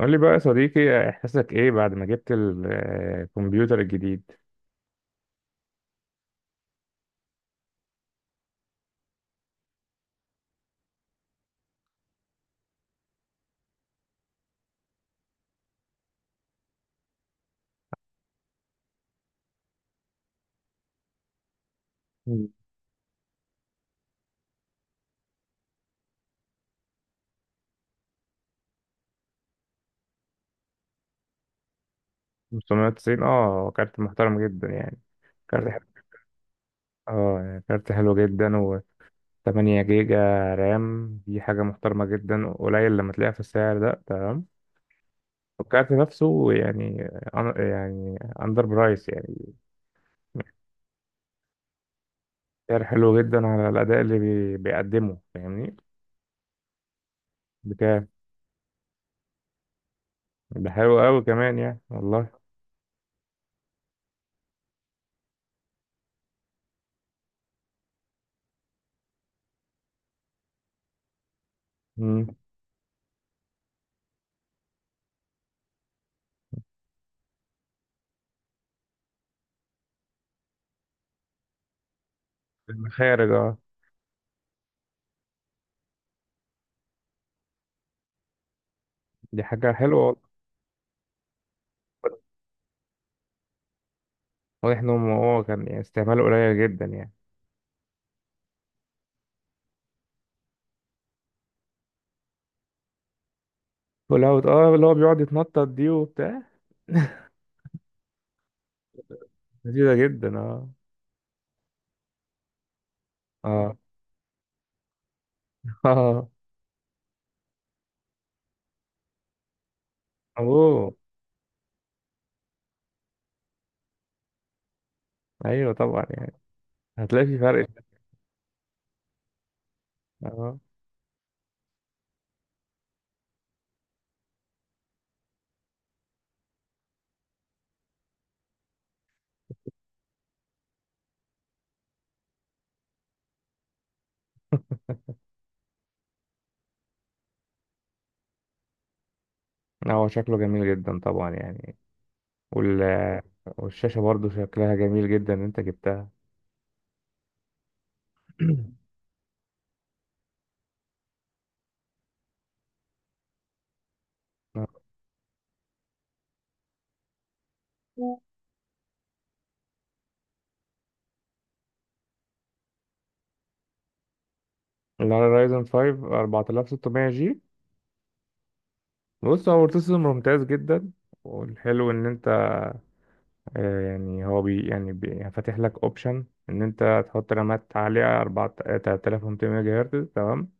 قول لي بقى يا صديقي، احساسك ايه بعد ما جبت الكمبيوتر الجديد؟ مم. 590، كارت محترم جدا، يعني كارت حلو. اه يعني كارت حلو جدا، و 8 جيجا رام، دي حاجة محترمة جدا، قليل لما تلاقيها في السعر ده، تمام. والكارت نفسه يعني، يعني اندر برايس، يعني سعر حلو جدا على الأداء اللي بيقدمه، فاهمني؟ بكام؟ ده حلو قوي كمان، يعني والله. مم. المخارج، اه. دي حاجة حلوة. واضح ان هو كان يعني استعماله قليل جدا يعني. فول اوت، اه، اللي هو بيقعد يتنطط دي وبتاع. لذيذة جدا، اه. اه اه. اوه. ايوه طبعا، يعني هتلاقي في فرق. اه. آه، هو شكله جميل جدا طبعا يعني. وال والشاشة برضو شكلها جميل جدا ان انت جبتها. آه. اللي على رايزن 5 4600 جي. بص، هو بروسيسور ممتاز جدا، والحلو ان، يعني هو فاتح لك اوبشن ان انت تحط رامات عاليه 4، 3200 ميجا هرتز، تمام.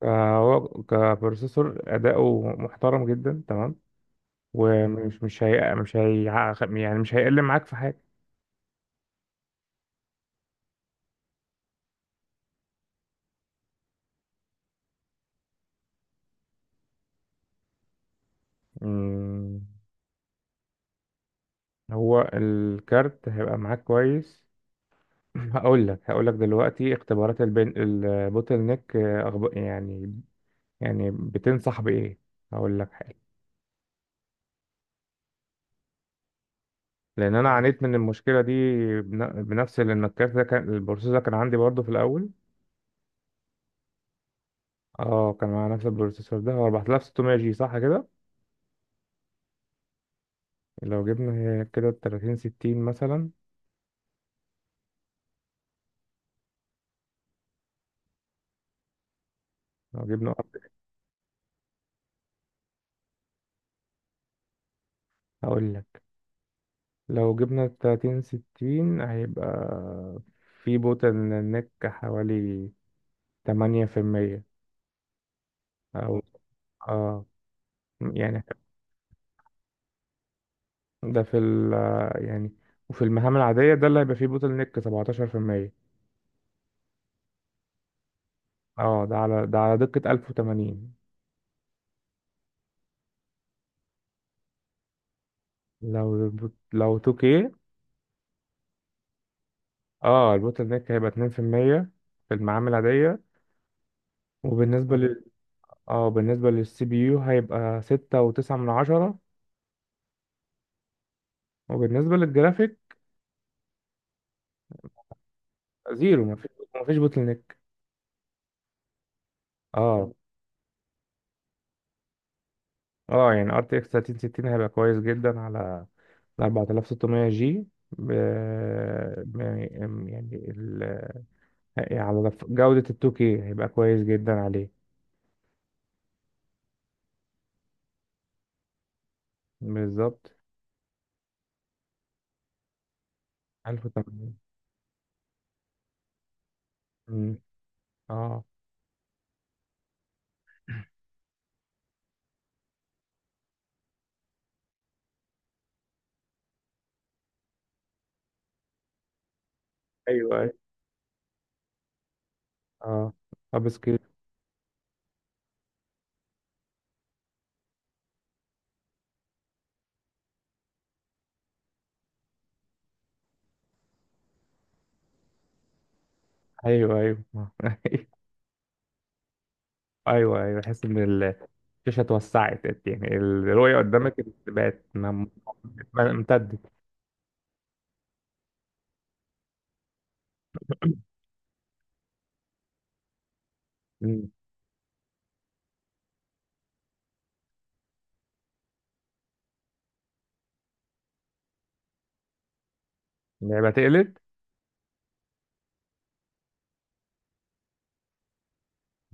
فهو كبروسيسور اداؤه محترم جدا، تمام. ومش مش هي مش هي يعني مش هيقل معاك في حاجه. مم، هو الكارت هيبقى معاك كويس. هقول لك دلوقتي اختبارات البوتل نيك، يعني، بتنصح بايه؟ هقول لك. لان انا عانيت من المشكله دي. بنفس، لان الكارت ده كان البروسيسور ده كان عندي برضه في الاول. اه، كان مع نفس البروسيسور ده، هو 4600 جي، صح كده؟ لو جبنا كده 30 60 مثلا. لو جبنا اقول لك، لو جبنا 30 60 هيبقى في بوتل نيك حوالي 8%. او اه يعني ده في ال يعني وفي المهام العادية ده اللي هيبقى فيه بوتل نيك 17%. اه، ده على دقة 1080. لو 2K، اه البوتل نيك هيبقى 2% في المية، في المعامل العادية. وبالنسبة اه لل اه بالنسبة للسي بي يو هيبقى ستة وتسعة من عشرة. وبالنسبة للجرافيك زيرو، مفيش بوتل نيك. اه، اه. يعني ار تي اكس 3060 هيبقى كويس جدا على 4600 جي. ب... ب- يعني ال... يعني على لف- جودة ال 2K هيبقى كويس جدا عليه، بالظبط. 1080. مم. اه، ايوه، أيوة. اه. اب ايوه، ايوه، ايوه، ايوه، بحس ان الشاشه اتوسعت، يعني الرؤيه قدامك بقت م- امتدت. مم. يبقى تقلد.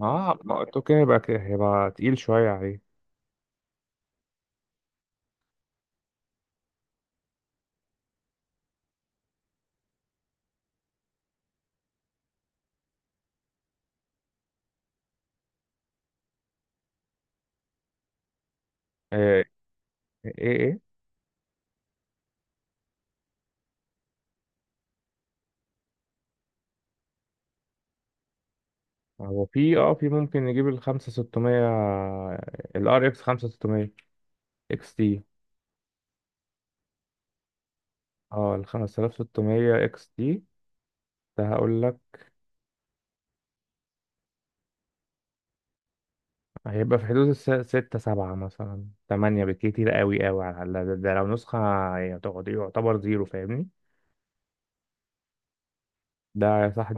اه، ما قلت اوكي، يبقى هيبقى تقيل شويه عليه. آه، ايه ايه. هو في ممكن نجيب ال 5600، ال ار اكس 5600 اكس تي. اه ال 5600 اكس تي ده، هقول لك. هيبقى في حدود ستة، سبعة مثلا، تمانية بالكتير، قوي قوي على الأقل. ده لو نسخة، يعتبر زيرو، فاهمني. ده صح.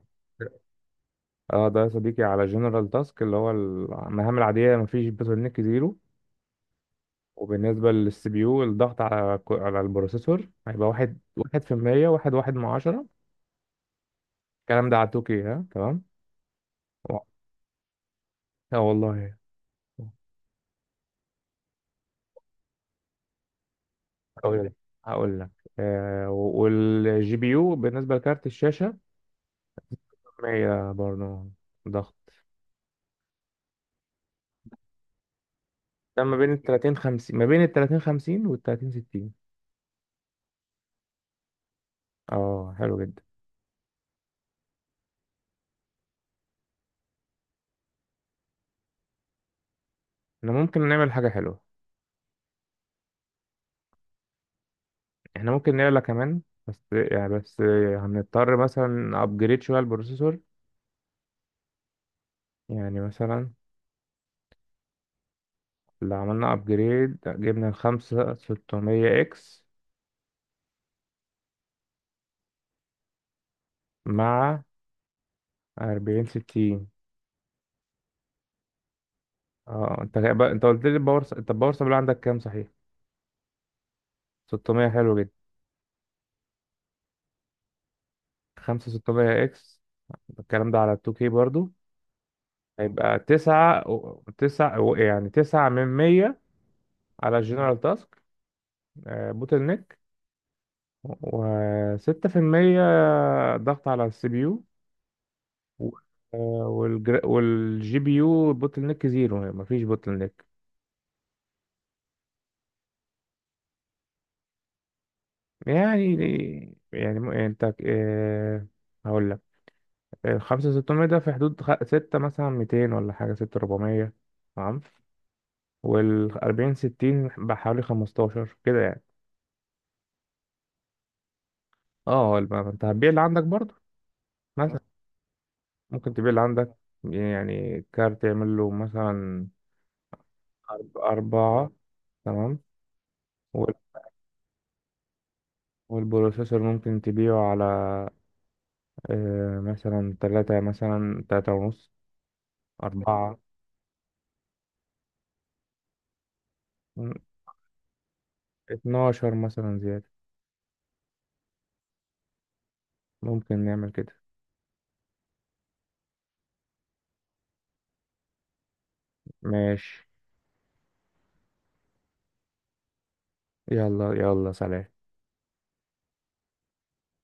اه، ده يا صديقي على جنرال تاسك اللي هو المهام العادية، مفيش بترنيك، زيرو. وبالنسبة للسي بي يو الضغط على على البروسيسور هيبقى واحد واحد في المية، واحد واحد من عشرة. الكلام ده على التوكي ها، تمام. و- اه والله. هقول لك هقول لك. والجي بي يو بالنسبة لكارت الشاشة مية برضه، ضغط. ده ما بين ال 30 50 ما بين ال 30 50 وال 30 60. اه، حلو جدا. احنا ممكن نعمل حاجة حلوة. احنا ممكن نعلى كمان، بس هنضطر مثلا ابجريد شوية البروسيسور. يعني مثلا، لو عملنا ابجريد جبنا الخمسة 600 اكس مع 40 60. اه، انت قلت لي انت الباور سبلاي عندك كام، صحيح؟ 600. حلو جدا. 5 600 اكس، الكلام ده على 2K برضو، هيبقى تسعة و- تسعة و- يعني تسعة من مية على الجنرال تاسك، بوتل نيك، وستة في المية ضغط على السي بي يو. والجي بي يو بوتل نيك زيرو، يعني مفيش بوتل نيك. يعني يعني انت، هقول لك. الخمسة ستمية ده في حدود ستة مثلا، ميتين ولا حاجة، ستة ربعمية، تمام. والأربعين ستين بحوالي خمستاشر كده يعني. اه، انت هتبيع اللي عندك برضه، مثلا. ممكن تبيع اللي عندك، يعني كارت يعمل له مثلا أربعة. تمام. وال- والبروسيسور ممكن تبيعه على مثلا تلاتة، مثلا تلاتة ونص، أربعة. م- اتناشر مثلا زيادة. ممكن نعمل كده. ماشي. يلا يلا، سلام.